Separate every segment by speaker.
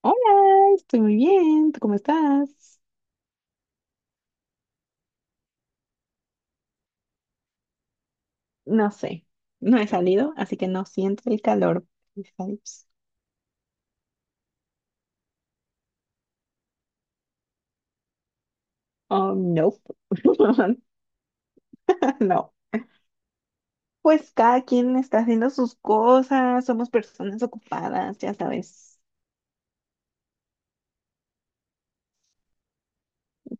Speaker 1: Hola, estoy muy bien. ¿Tú cómo estás? No sé, no he salido, así que no siento el calor. Vibes. Oh, no. No. Pues cada quien está haciendo sus cosas, somos personas ocupadas, ya sabes.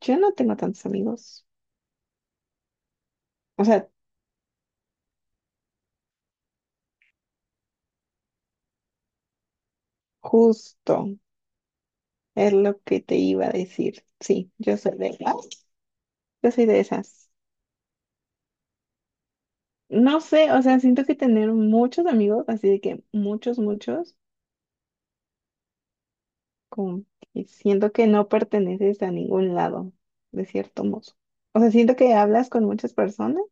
Speaker 1: Yo no tengo tantos amigos. O sea, justo es lo que te iba a decir. Sí, yo soy de yo soy de esas. No sé, o sea, siento que tener muchos amigos, así de que muchos, muchos. Como que siento que no perteneces a ningún lado, de cierto modo. O sea, siento que hablas con muchas personas,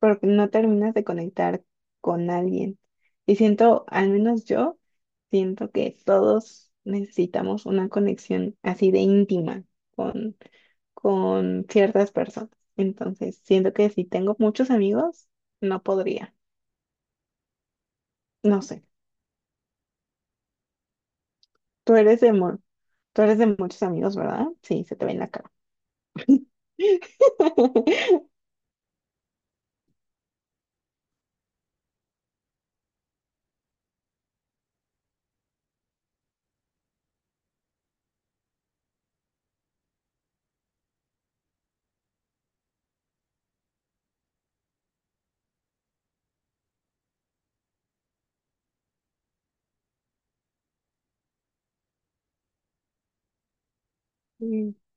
Speaker 1: pero que no terminas de conectar con alguien. Y siento, al menos yo, siento que todos necesitamos una conexión así de íntima con, con ciertas personas. Entonces, siento que si tengo muchos amigos, no podría. No sé. Tú eres de, tú eres de muchos amigos, ¿verdad? Sí, se te ve en la cara.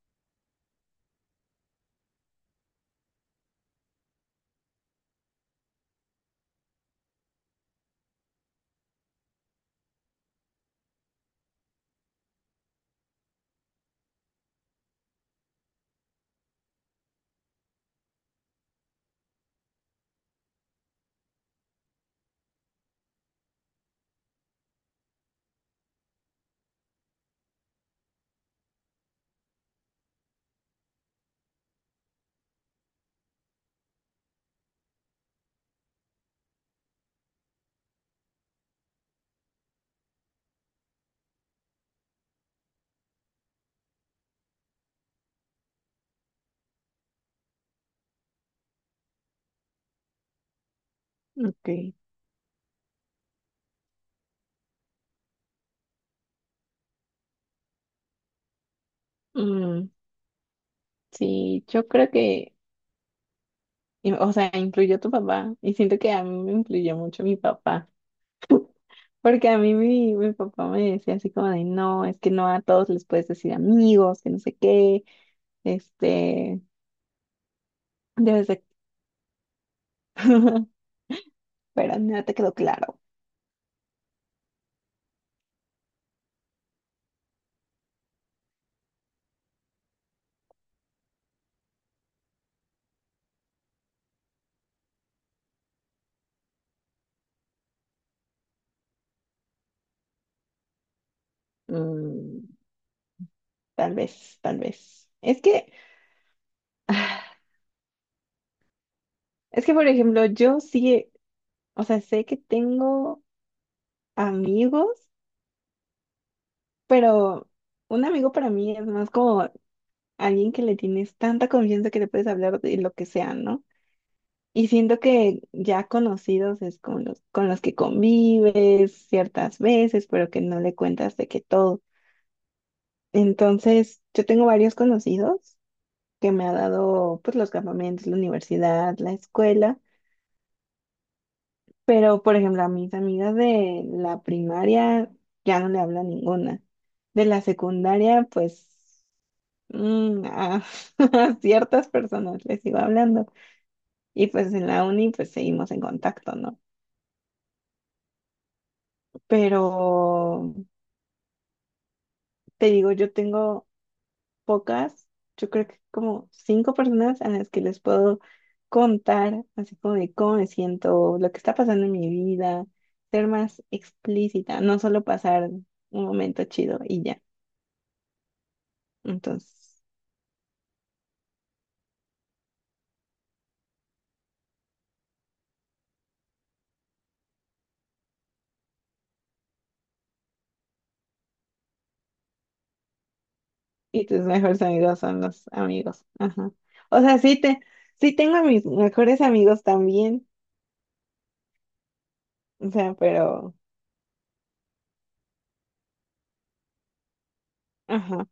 Speaker 1: Ok. Mm, sí, yo creo que, o sea, influyó tu papá y siento que a mí me influyó mucho mi papá, porque a mí mi papá me decía así como de, no, es que no a todos les puedes decir amigos, que no sé qué, este, debes de... Pero no te quedó claro. Mm, tal vez, tal vez. Es que, ah, es que, por ejemplo, yo sí, o sea, sé que tengo amigos, pero un amigo para mí es más como alguien que le tienes tanta confianza que le puedes hablar de lo que sea, ¿no? Y siento que ya conocidos es con los que convives ciertas veces, pero que no le cuentas de que todo. Entonces, yo tengo varios conocidos que me ha dado pues los campamentos, la universidad, la escuela, pero por ejemplo a mis amigas de la primaria ya no le hablo a ninguna. De la secundaria, pues a a ciertas personas les sigo hablando. Y pues en la uni pues seguimos en contacto, ¿no? Pero te digo, yo tengo pocas, yo creo que como 5 personas a las que les puedo contar así como de cómo me siento, lo que está pasando en mi vida, ser más explícita, no solo pasar un momento chido y ya. Entonces, y tus mejores amigos son los amigos, ajá. O sea, sí te, sí tengo a mis mejores amigos también, o sea, pero, ajá.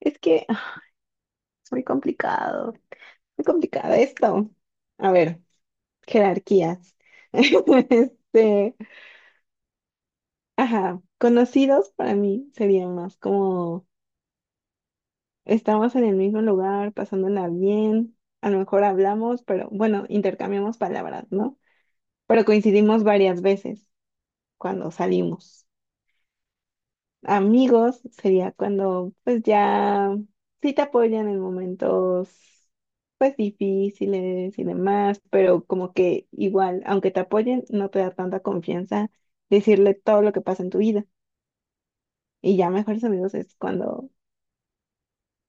Speaker 1: Es que Es muy complicado esto. A ver, jerarquías. Este, ajá, conocidos para mí serían más como estamos en el mismo lugar, pasándola bien, a lo mejor hablamos, pero bueno, intercambiamos palabras, ¿no? Pero coincidimos varias veces cuando salimos. Amigos sería cuando pues ya sí te apoyan en momentos pues difíciles y demás, pero como que igual, aunque te apoyen, no te da tanta confianza decirle todo lo que pasa en tu vida. Y ya mejores amigos es cuando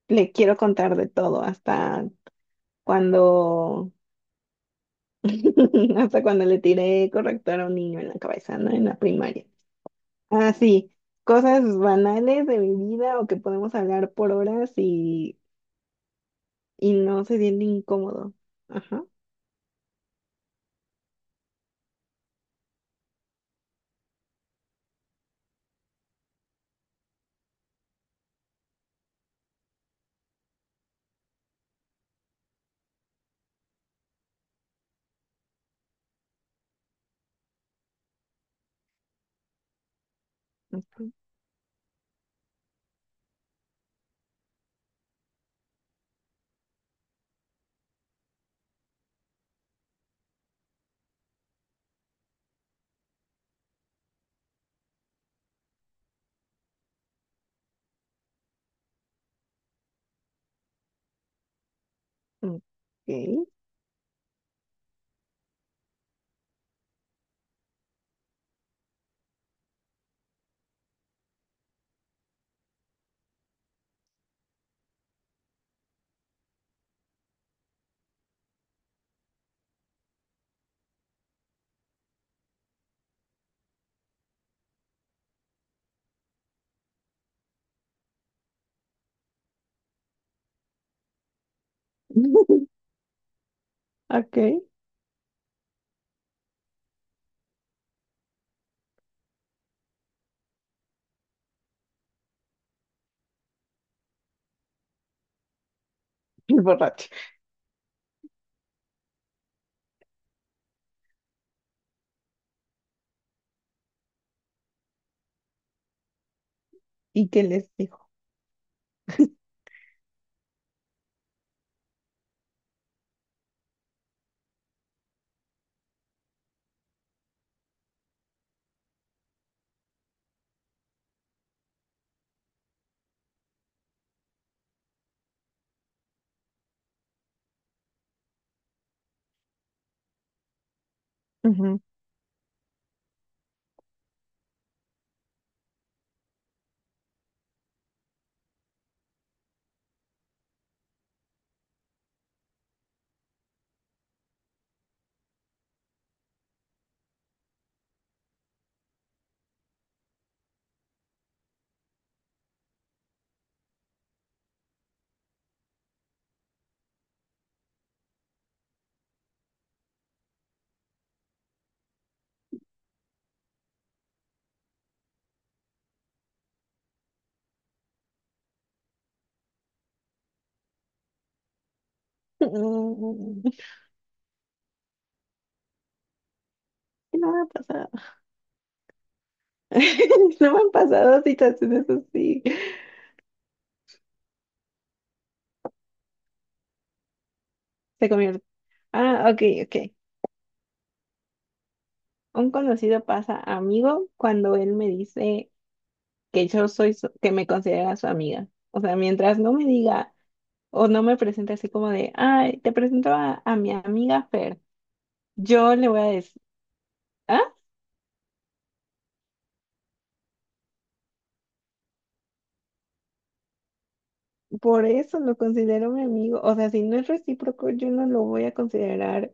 Speaker 1: le quiero contar de todo, hasta cuando hasta cuando le tiré corrector a un niño en la cabeza, ¿no? En la primaria. Ah, sí, cosas banales de mi vida o que podemos hablar por horas y no se siente incómodo. Ajá. Ujú. Ok. Ok. El borracho. ¿Y qué les dijo? Ujú. Mm, que no me ha pasado. No me han pasado situaciones así. Se convierte. Ah, ok, ok. Un conocido pasa a amigo cuando él me dice que yo soy, que me considera su amiga. O sea, mientras no me diga o no me presente así como de, ay, te presento a mi amiga Fer. Yo le voy a decir. Ah, por eso lo considero mi amigo. O sea, si no es recíproco, yo no lo voy a considerar.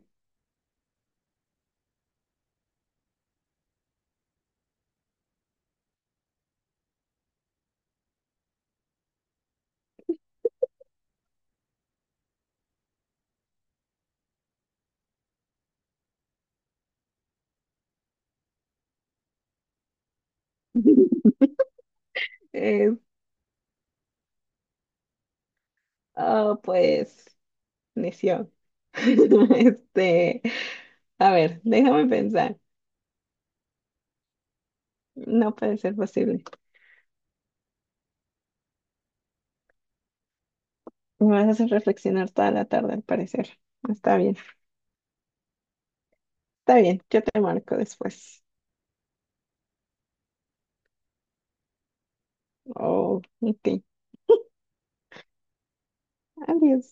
Speaker 1: Es, ah, pues, necio. Este, a ver, déjame pensar. No puede ser posible. Me vas a hacer reflexionar toda la tarde, al parecer. Está bien, está bien. Yo te marco después. Oh, ok. Adiós.